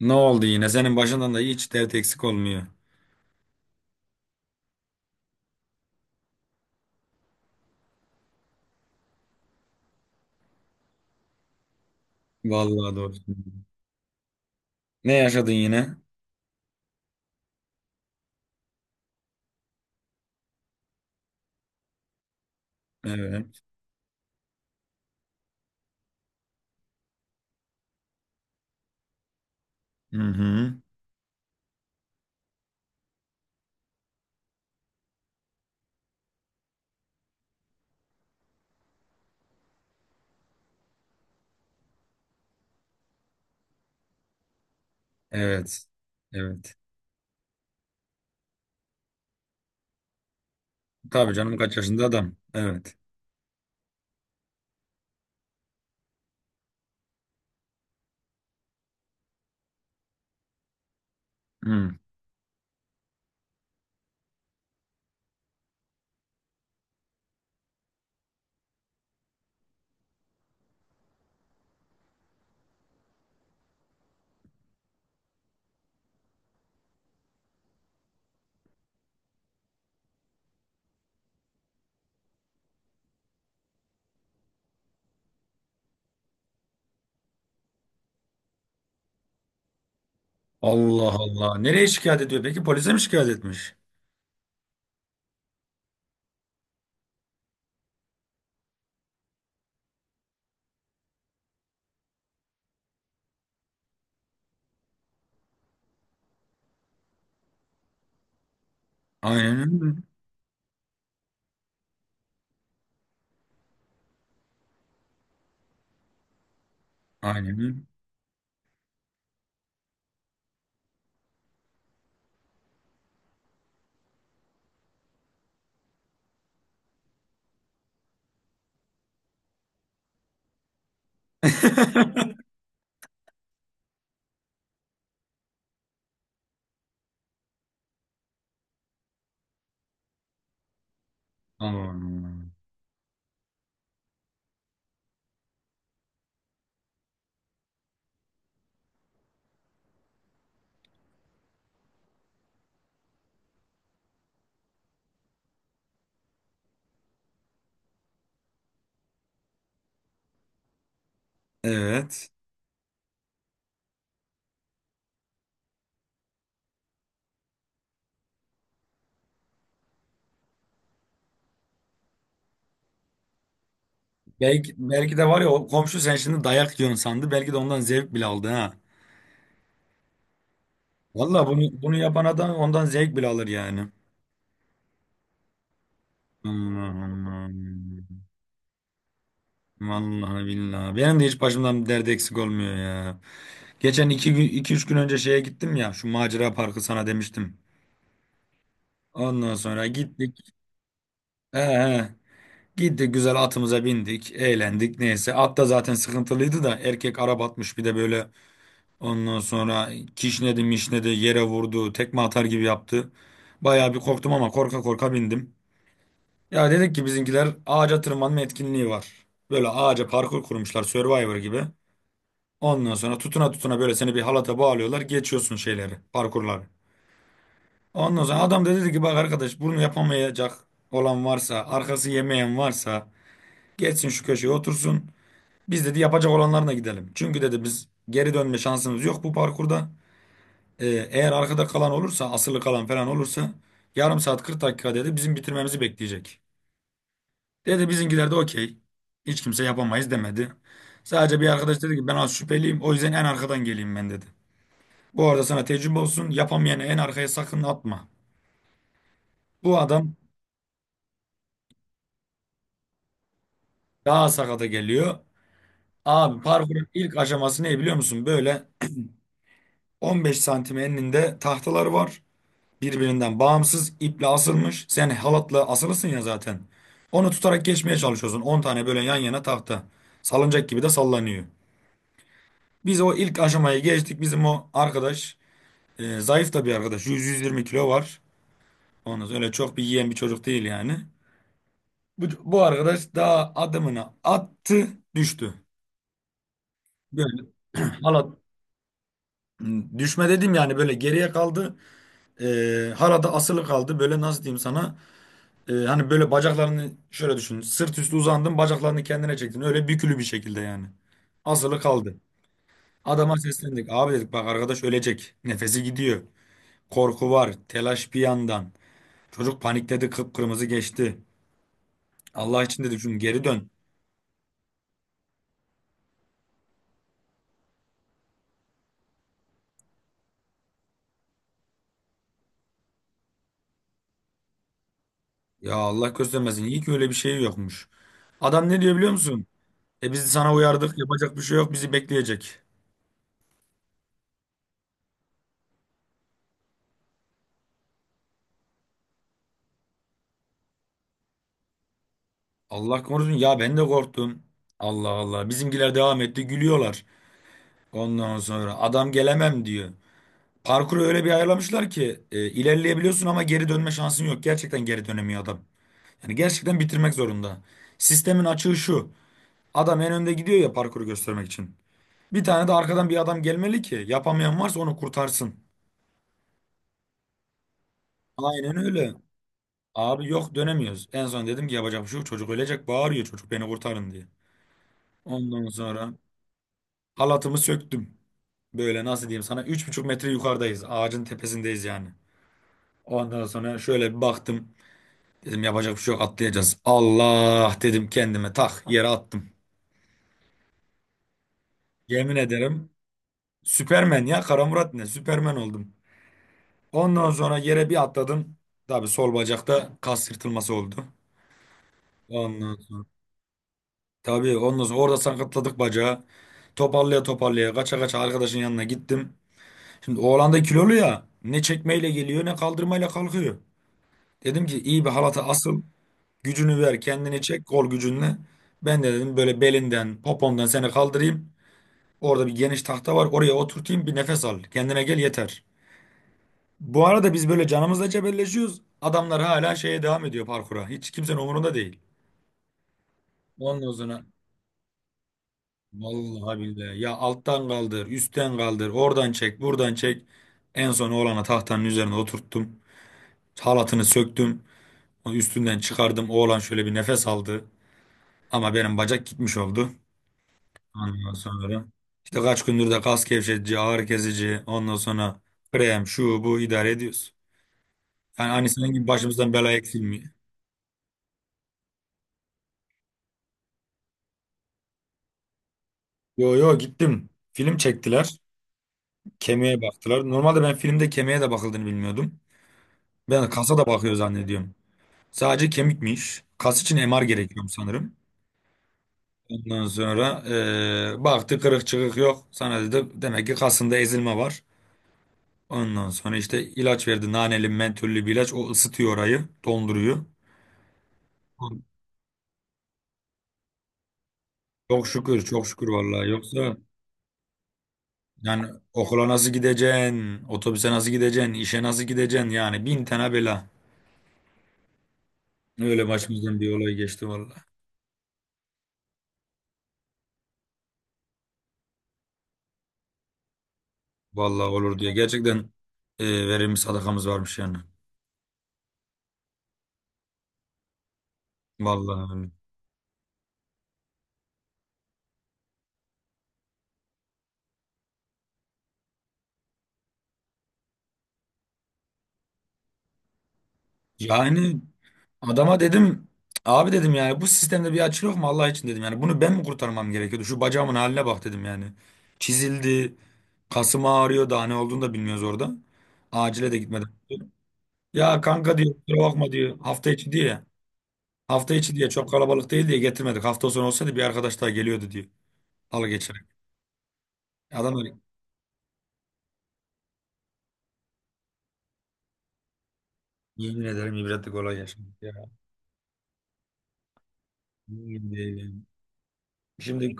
Ne oldu yine? Senin başından da hiç dert eksik olmuyor. Vallahi doğru. Ne yaşadın yine? Evet. Hı hı. Evet. Evet. Tabii canım kaç yaşında adam. Evet. Hı. Allah Allah. Nereye şikayet ediyor peki? Polise mi şikayet etmiş? Aynen öyle. Aynen öyle. Aman. Evet. Belki de var ya o komşu sen şimdi dayak yiyorsun sandı. Belki de ondan zevk bile aldı ha. Vallahi bunu yapan adam ondan zevk bile alır yani. Aman. Vallahi billahi. Benim de hiç başımdan bir dert eksik olmuyor ya. Geçen 2-3 gün önce şeye gittim ya. Şu macera parkı sana demiştim. Ondan sonra gittik. He he. Gittik güzel atımıza bindik. Eğlendik neyse. At da zaten sıkıntılıydı da. Erkek araba atmış bir de böyle. Ondan sonra kişnedi mişnedi yere vurdu. Tekme atar gibi yaptı. Bayağı bir korktum ama korka korka bindim. Ya dedik ki bizimkiler ağaca tırmanma etkinliği var. Böyle ağaca parkur kurmuşlar Survivor gibi. Ondan sonra tutuna tutuna böyle seni bir halata bağlıyorlar. Geçiyorsun şeyleri, parkurları. Ondan sonra adam da dedi ki bak arkadaş bunu yapamayacak olan varsa, arkası yemeyen varsa geçsin şu köşeye otursun. Biz dedi yapacak olanlarına gidelim. Çünkü dedi biz geri dönme şansımız yok bu parkurda. Eğer arkada kalan olursa, asılı kalan falan olursa yarım saat 40 dakika dedi bizim bitirmemizi bekleyecek. Dedi bizimkiler de okey. Hiç kimse yapamayız demedi. Sadece bir arkadaş dedi ki ben az şüpheliyim o yüzden en arkadan geleyim ben dedi. Bu arada sana tecrübe olsun. Yapamayanı en arkaya sakın atma. Bu adam daha sakata geliyor. Abi parkurun ilk aşaması ne biliyor musun? Böyle 15 santim eninde tahtalar var. Birbirinden bağımsız iple asılmış. Sen halatla asılısın ya zaten. Onu tutarak geçmeye çalışıyorsun. 10 tane böyle yan yana tahta. Salıncak gibi de sallanıyor. Biz o ilk aşamayı geçtik. Bizim o arkadaş zayıf da bir arkadaş. 100-120 kilo var. Ondan sonra öyle çok bir yiyen bir çocuk değil yani. Bu, bu arkadaş daha adımını attı, düştü. Böyle halat düşme dedim yani böyle geriye kaldı. Halada asılı kaldı. Böyle nasıl diyeyim sana? E, hani böyle bacaklarını şöyle düşün. Sırt üstü uzandın, bacaklarını kendine çektin. Öyle bükülü bir şekilde yani. Asılı kaldı. Adama seslendik. Abi dedik bak arkadaş ölecek. Nefesi gidiyor. Korku var. Telaş bir yandan. Çocuk panikledi. Kıpkırmızı geçti. Allah için dedik şunu geri dön. Ya Allah göstermesin. İyi ki öyle bir şey yokmuş. Adam ne diyor biliyor musun? E biz sana uyardık. Yapacak bir şey yok. Bizi bekleyecek. Allah korusun. Ya ben de korktum. Allah Allah. Bizimkiler devam etti. Gülüyorlar. Ondan sonra adam gelemem diyor. Parkuru öyle bir ayarlamışlar ki ilerleyebiliyorsun ama geri dönme şansın yok. Gerçekten geri dönemiyor adam. Yani gerçekten bitirmek zorunda. Sistemin açığı şu. Adam en önde gidiyor ya parkuru göstermek için. Bir tane de arkadan bir adam gelmeli ki yapamayan varsa onu kurtarsın. Aynen öyle. Abi yok dönemiyoruz. En son dedim ki yapacak bir şey yok. Çocuk ölecek bağırıyor çocuk beni kurtarın diye. Ondan sonra halatımı söktüm. Böyle nasıl diyeyim sana 3,5 metre yukarıdayız. Ağacın tepesindeyiz yani. Ondan sonra şöyle bir baktım. Dedim yapacak bir şey yok atlayacağız. Allah dedim kendime tak yere attım. Yemin ederim Süpermen ya, Kara Murat ne, Süpermen oldum. Ondan sonra yere bir atladım. Tabii sol bacakta kas yırtılması oldu. Ondan sonra tabii ondan sonra orada sakatladık bacağı. Toparlaya toparlaya kaça kaça arkadaşın yanına gittim. Şimdi oğlan da kilolu ya. Ne çekmeyle geliyor ne kaldırmayla kalkıyor. Dedim ki iyi bir halata asıl, gücünü ver kendini çek kol gücünle. Ben de dedim böyle belinden popondan seni kaldırayım. Orada bir geniş tahta var oraya oturtayım bir nefes al. Kendine gel yeter. Bu arada biz böyle canımızla cebelleşiyoruz. Adamlar hala şeye devam ediyor parkura. Hiç kimsenin umurunda değil. Ondan sonra vallahi billahi. Ya alttan kaldır, üstten kaldır, oradan çek, buradan çek. En son oğlana tahtanın üzerine oturttum. Halatını söktüm. O üstünden çıkardım. Oğlan şöyle bir nefes aldı. Ama benim bacak gitmiş oldu. Ondan sonra işte kaç gündür de kas gevşetici, ağrı kesici, ondan sonra krem, şu bu idare ediyoruz. Yani hani senin gibi başımızdan bela eksilmiyor. Yo yo gittim. Film çektiler. Kemiğe baktılar. Normalde ben filmde kemiğe de bakıldığını bilmiyordum. Ben kasa da bakıyor zannediyorum. Sadece kemikmiş. Kas için MR gerekiyor sanırım. Ondan sonra baktı kırık çıkık yok. Sana dedi demek ki kasında ezilme var. Ondan sonra işte ilaç verdi. Naneli mentüllü bir ilaç. O ısıtıyor orayı. Donduruyor. Çok şükür çok şükür vallahi. Yoksa yani okula nasıl gideceksin? Otobüse nasıl gideceksin? İşe nasıl gideceksin? Yani bin tane bela. Öyle başımızdan bir olay geçti vallahi. Vallahi olur diye. Gerçekten verilmiş sadakamız varmış yani. Vallahi öyle. Yani adama dedim abi dedim yani bu sistemde bir açık yok mu Allah için dedim. Yani bunu ben mi kurtarmam gerekiyordu? Şu bacağımın haline bak dedim yani. Çizildi. Kasım ağrıyor daha ne olduğunu da bilmiyoruz orada. Acile de gitmeden. Ya kanka diyor kusura bakma diyor hafta içi diye. Hafta içi diye çok kalabalık değil diye getirmedik. Hafta sonu olsaydı bir arkadaş daha geliyordu diyor. Halı geçerek. Adam öyle, yemin ederim ibretlik olay yaşadık ya. Yemin ederim. Şimdi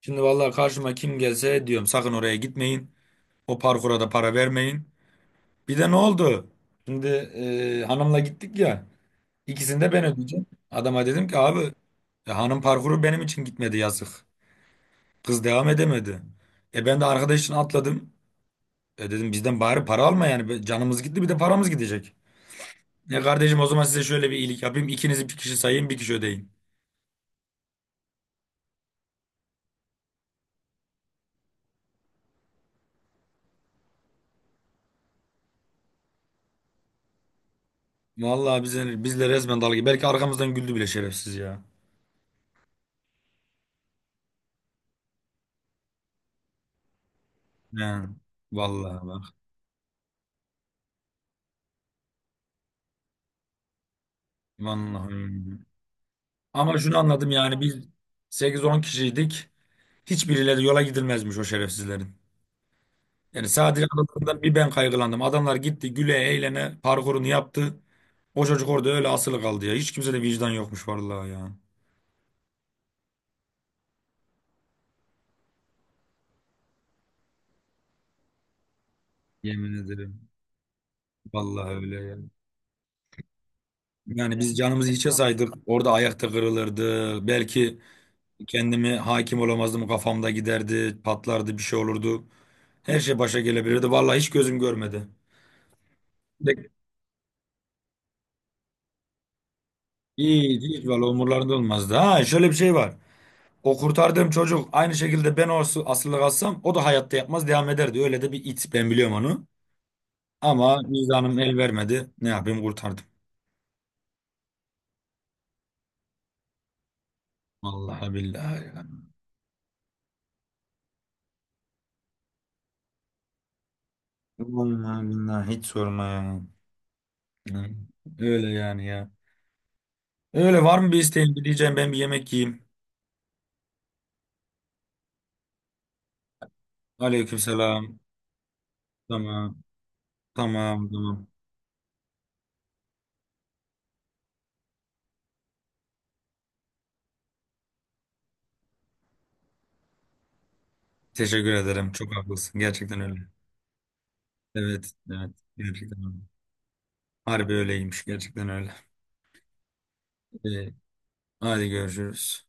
şimdi vallahi karşıma kim gelse diyorum sakın oraya gitmeyin. O parkura da para vermeyin. Bir de ne oldu? Şimdi hanımla gittik ya. İkisini de ben ödeyeceğim. Adama dedim ki abi hanım parkuru benim için gitmedi yazık. Kız devam edemedi. E ben de arkadaş için atladım. E dedim bizden bari para alma yani. Canımız gitti bir de paramız gidecek. Ya kardeşim o zaman size şöyle bir iyilik yapayım. İkinizi bir kişi sayayım bir kişi ödeyin. Vallahi bizle resmen dalga. Belki arkamızdan güldü bile şerefsiz ya. Yani, vallahi bak. Vallahi. Ama şunu anladım yani biz 8-10 kişiydik. Hiçbirileri yola gidilmezmiş o şerefsizlerin. Yani sadece adamlardan bir ben kaygılandım. Adamlar gitti güle eğlene parkurunu yaptı. O çocuk orada öyle asılı kaldı ya. Hiç kimsede vicdan yokmuş vallahi ya. Yemin ederim. Vallahi öyle ya. Yani biz canımızı hiçe saydık. Orada ayakta kırılırdı. Belki kendimi hakim olamazdım. Kafamda giderdi, patlardı, bir şey olurdu. Her şey başa gelebilirdi. Vallahi hiç gözüm görmedi. De- hiç vallahi umurlarında olmazdı. Ha şöyle bir şey var. O kurtardığım çocuk aynı şekilde ben o asılı kalsam o da hayatta yapmaz devam ederdi. Öyle de bir it ben biliyorum onu. Ama vicdanım el vermedi. Ne yapayım kurtardım. Vallahi billahi, ya. Vallahi billahi hiç sorma ya. Hı. Öyle yani ya. Öyle var mı bir isteğin? Bir diyeceğim ben bir yemek yiyeyim. Aleykümselam. Tamam. Tamam tamam. Teşekkür ederim. Çok haklısın. Gerçekten öyle. Evet. Evet. Gerçekten öyle. Harbi öyleymiş. Gerçekten öyle. Ee, hadi görüşürüz.